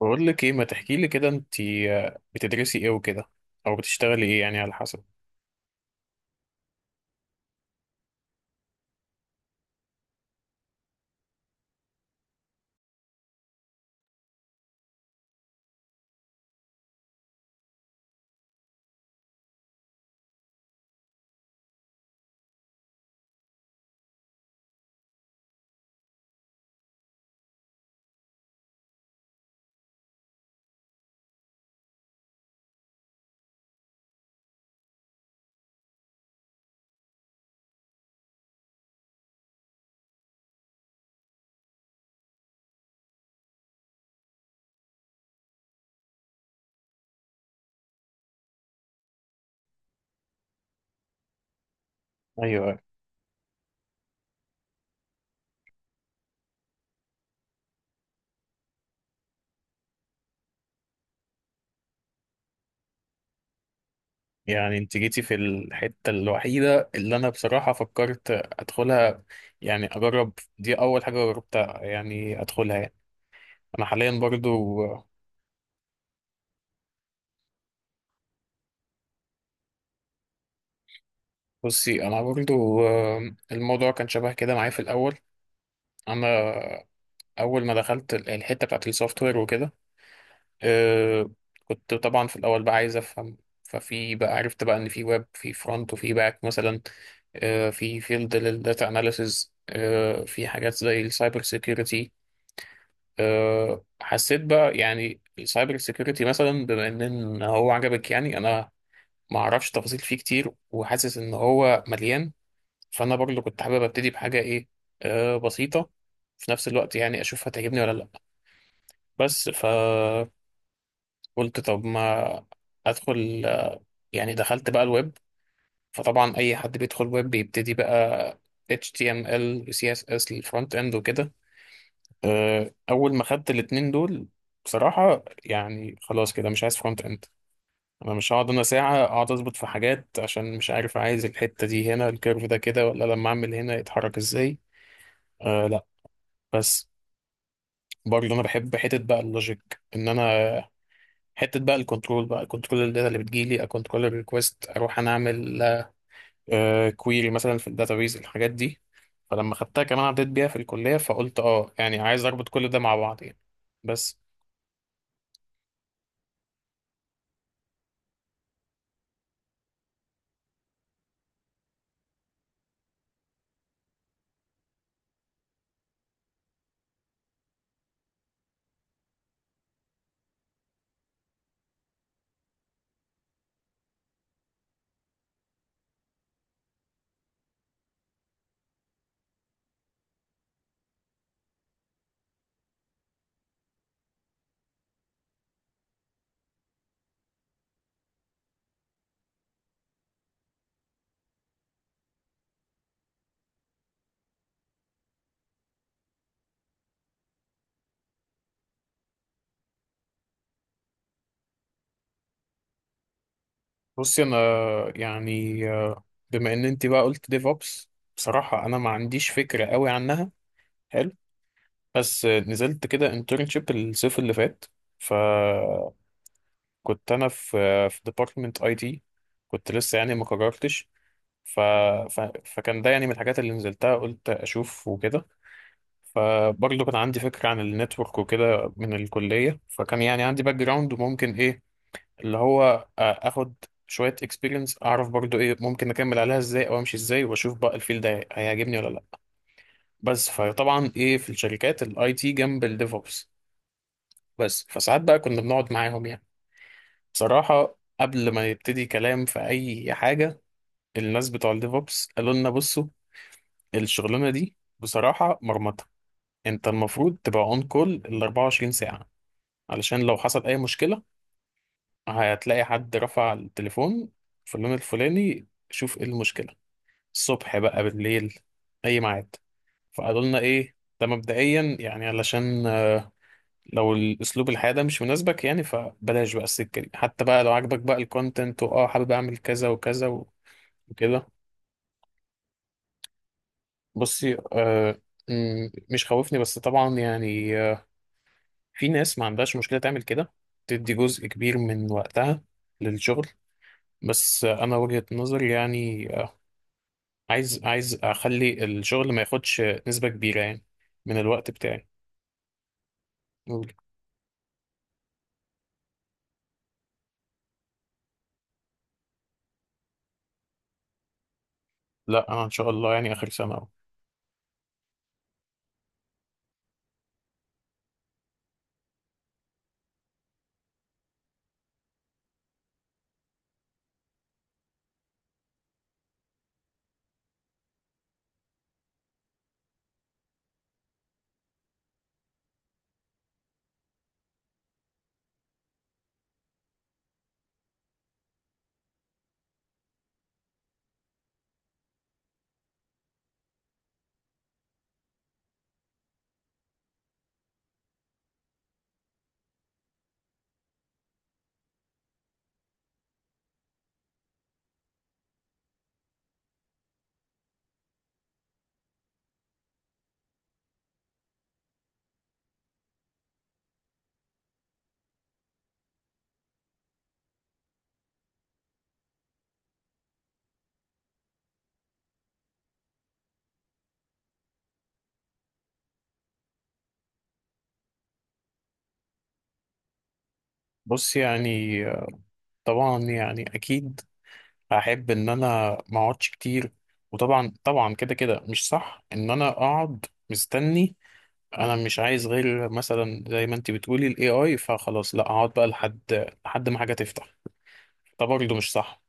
بقول لك ايه، ما تحكي لي كده انت. بتدرسي ايه وكده؟ او بتشتغلي ايه؟ يعني على حسب. ايوه، يعني انت جيتي في الحته الوحيده اللي انا بصراحه فكرت ادخلها، يعني اجرب. دي اول حاجه جربتها يعني، ادخلها يعني. انا حاليا برضو بصي. انا برضو الموضوع كان شبه كده معايا في الاول. انا اول ما دخلت الحته بتاعت السوفت وير وكده. آه، كنت طبعا في الاول بقى عايز افهم. ففي بقى عرفت بقى ان في ويب، في فرونت وفي باك مثلا. في فيلد للداتا اناليسز، في حاجات زي السايبر سيكيورتي. حسيت بقى يعني السايبر سيكيورتي مثلا بما ان هو عجبك، يعني انا ما اعرفش تفاصيل فيه كتير وحاسس ان هو مليان. فانا برضه كنت حابب ابتدي بحاجه ايه، بسيطه، في نفس الوقت، يعني اشوف هتعجبني ولا لا. بس فقلت طب ما ادخل، يعني دخلت بقى الويب. فطبعا اي حد بيدخل ويب بيبتدي بقى HTML و CSS للفرونت اند وكده. اول ما خدت الاتنين دول بصراحة يعني خلاص كده مش عايز فرونت اند. انا مش هقعد انا ساعة اقعد اظبط في حاجات عشان مش عارف عايز الحتة دي هنا الكيرف ده كده ولا لما اعمل هنا يتحرك ازاي. آه لا. بس برضه انا بحب حتة بقى اللوجيك ان انا حتة بقى الكنترول بقى كنترول الداتا اللي بتجيلي اكنترول الريكوست اروح انا اعمل كويري مثلا في الداتابيز الحاجات دي. فلما خدتها كمان عديت بيها في الكلية فقلت اه، يعني عايز اربط كل ده مع بعض يعني. بس. بصي انا يعني بما ان انت بقى قلت ديف اوبس، بصراحة انا ما عنديش فكرة قوي عنها. حلو. بس نزلت كده انترنشيب الصيف اللي فات. فكنت انا في في ديبارتمنت اي تي، كنت لسه يعني ما قررتش. ف... فكان ده يعني من الحاجات اللي نزلتها قلت اشوف وكده. فبرضه كان عندي فكرة عن النتورك وكده من الكلية، فكان يعني عندي باك جراوند وممكن ايه اللي هو اخد شوية اكسبيرينس، اعرف برضه ايه ممكن اكمل عليها ازاي او امشي ازاي واشوف بقى الفيلد ده هيعجبني ولا لا. بس فطبعا ايه في الشركات الاي تي جنب الديفوبس. بس فساعات بقى كنا بنقعد معاهم يعني. بصراحة قبل ما يبتدي كلام في اي حاجة الناس بتوع الديفوبس قالوا لنا بصوا، الشغلانة دي بصراحة مرمطة. انت المفروض تبقى اون كول ال 24 ساعة علشان لو حصل أي مشكلة هتلاقي حد رفع التليفون في اللون الفلاني شوف إيه المشكلة، الصبح بقى بالليل أي ميعاد. فقالوا لنا إيه، ده مبدئيا يعني علشان لو الأسلوب الحياة ده مش مناسبك يعني فبلاش بقى السكة دي، حتى بقى لو عاجبك بقى الكونتنت وآه حابب أعمل كذا وكذا وكده. بصي آه، مش خوفني، بس طبعا يعني في ناس ما عندهاش مشكلة تعمل كده، تدي جزء كبير من وقتها للشغل. بس انا وجهة نظري يعني عايز اخلي الشغل ما ياخدش نسبة كبيرة يعني من الوقت بتاعي. نقول. لا انا ان شاء الله يعني اخر سنة أهو. بص يعني طبعا يعني اكيد هحب ان انا ما اقعدش كتير. وطبعا طبعا كده كده مش صح ان انا اقعد مستني. انا مش عايز غير مثلا زي ما انت بتقولي الاي اي فخلاص لا اقعد بقى لحد ما حاجة تفتح. ده برضه مش صح.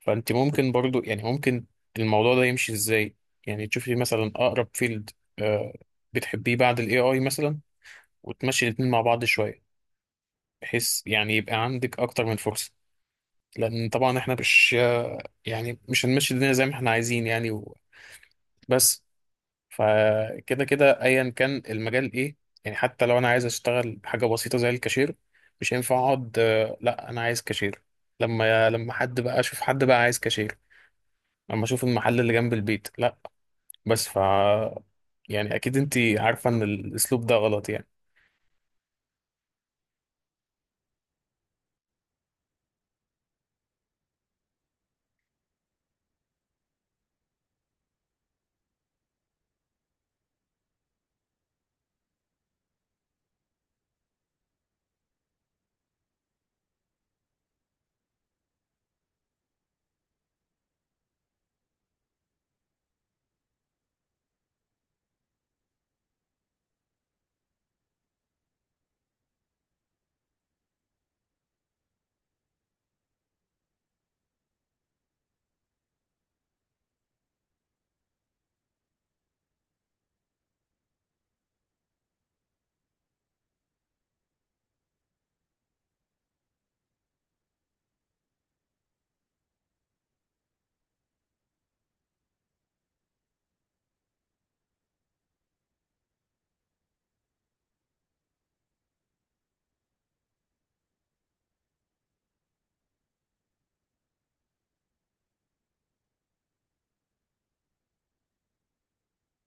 فانت ممكن برضو يعني ممكن الموضوع ده يمشي ازاي، يعني تشوفي مثلا اقرب فيلد آه بتحبيه بعد الاي اي مثلا وتمشي الاتنين مع بعض شويه، بحيث يعني يبقى عندك اكتر من فرصه. لان طبعا احنا مش يعني مش هنمشي الدنيا زي ما احنا عايزين يعني بس. فكده كده ايا كان المجال ايه، يعني حتى لو انا عايز اشتغل حاجه بسيطه زي الكاشير مش هينفع اقعد لا انا عايز كاشير. لما حد بقى اشوف حد بقى عايز كاشير، لما اشوف المحل اللي جنب البيت لا. بس ف يعني اكيد انت عارفه ان الاسلوب ده غلط يعني.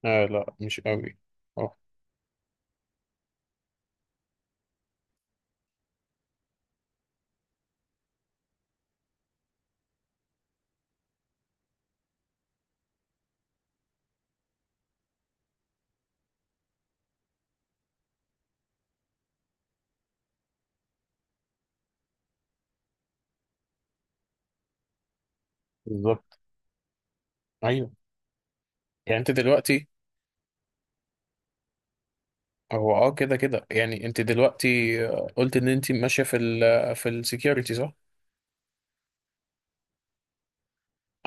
آه لا، مش قوي. اه بالظبط. ايوه. يعني انت دلوقتي، هو اه كده كده يعني انت دلوقتي قلت ان انت ماشيه في في السكيورتي صح؟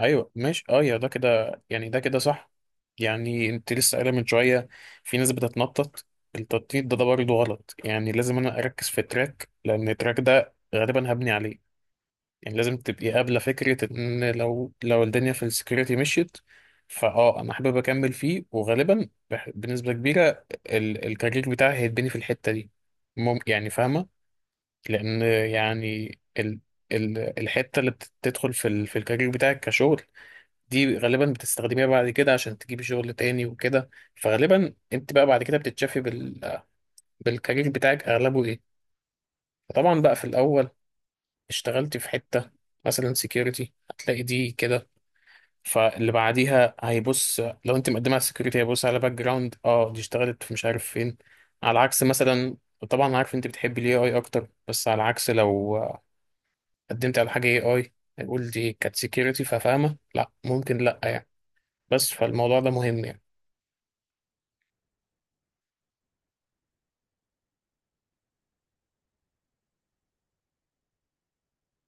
ايوه ماشي اه يا ده كده يعني ده كده صح. يعني انت لسه قايله من شويه في ناس بتتنطط. التنطيط ده برضه غلط، يعني لازم انا اركز في تراك لان التراك ده غالبا هبني عليه. يعني لازم تبقي قابلة فكرة ان لو الدنيا في السكيورتي مشيت فاه انا حابب اكمل فيه، وغالبا بنسبة كبيرة الكارير بتاعي هيتبني في الحتة دي. مم، يعني فاهمة. لان يعني ال ال الحتة اللي بتدخل في في الكارير بتاعك كشغل دي غالبا بتستخدميها بعد كده عشان تجيبي شغل تاني وكده. فغالبا انت بقى بعد كده بتتشافي بالكارير بتاعك اغلبه ايه. طبعا بقى في الاول اشتغلتي في حتة مثلا سكيورتي هتلاقي دي كده، فاللي بعديها هيبص لو انت مقدمه على السكيورتي هيبص على باك جراوند اه دي اشتغلت في مش عارف فين. على عكس مثلا، طبعا عارف انت بتحبي الاي اي اكتر، بس على عكس لو قدمت على حاجه اي اي هيقول دي كانت سكيورتي ففاهمه لا ممكن لا يعني. بس فالموضوع ده مهم يعني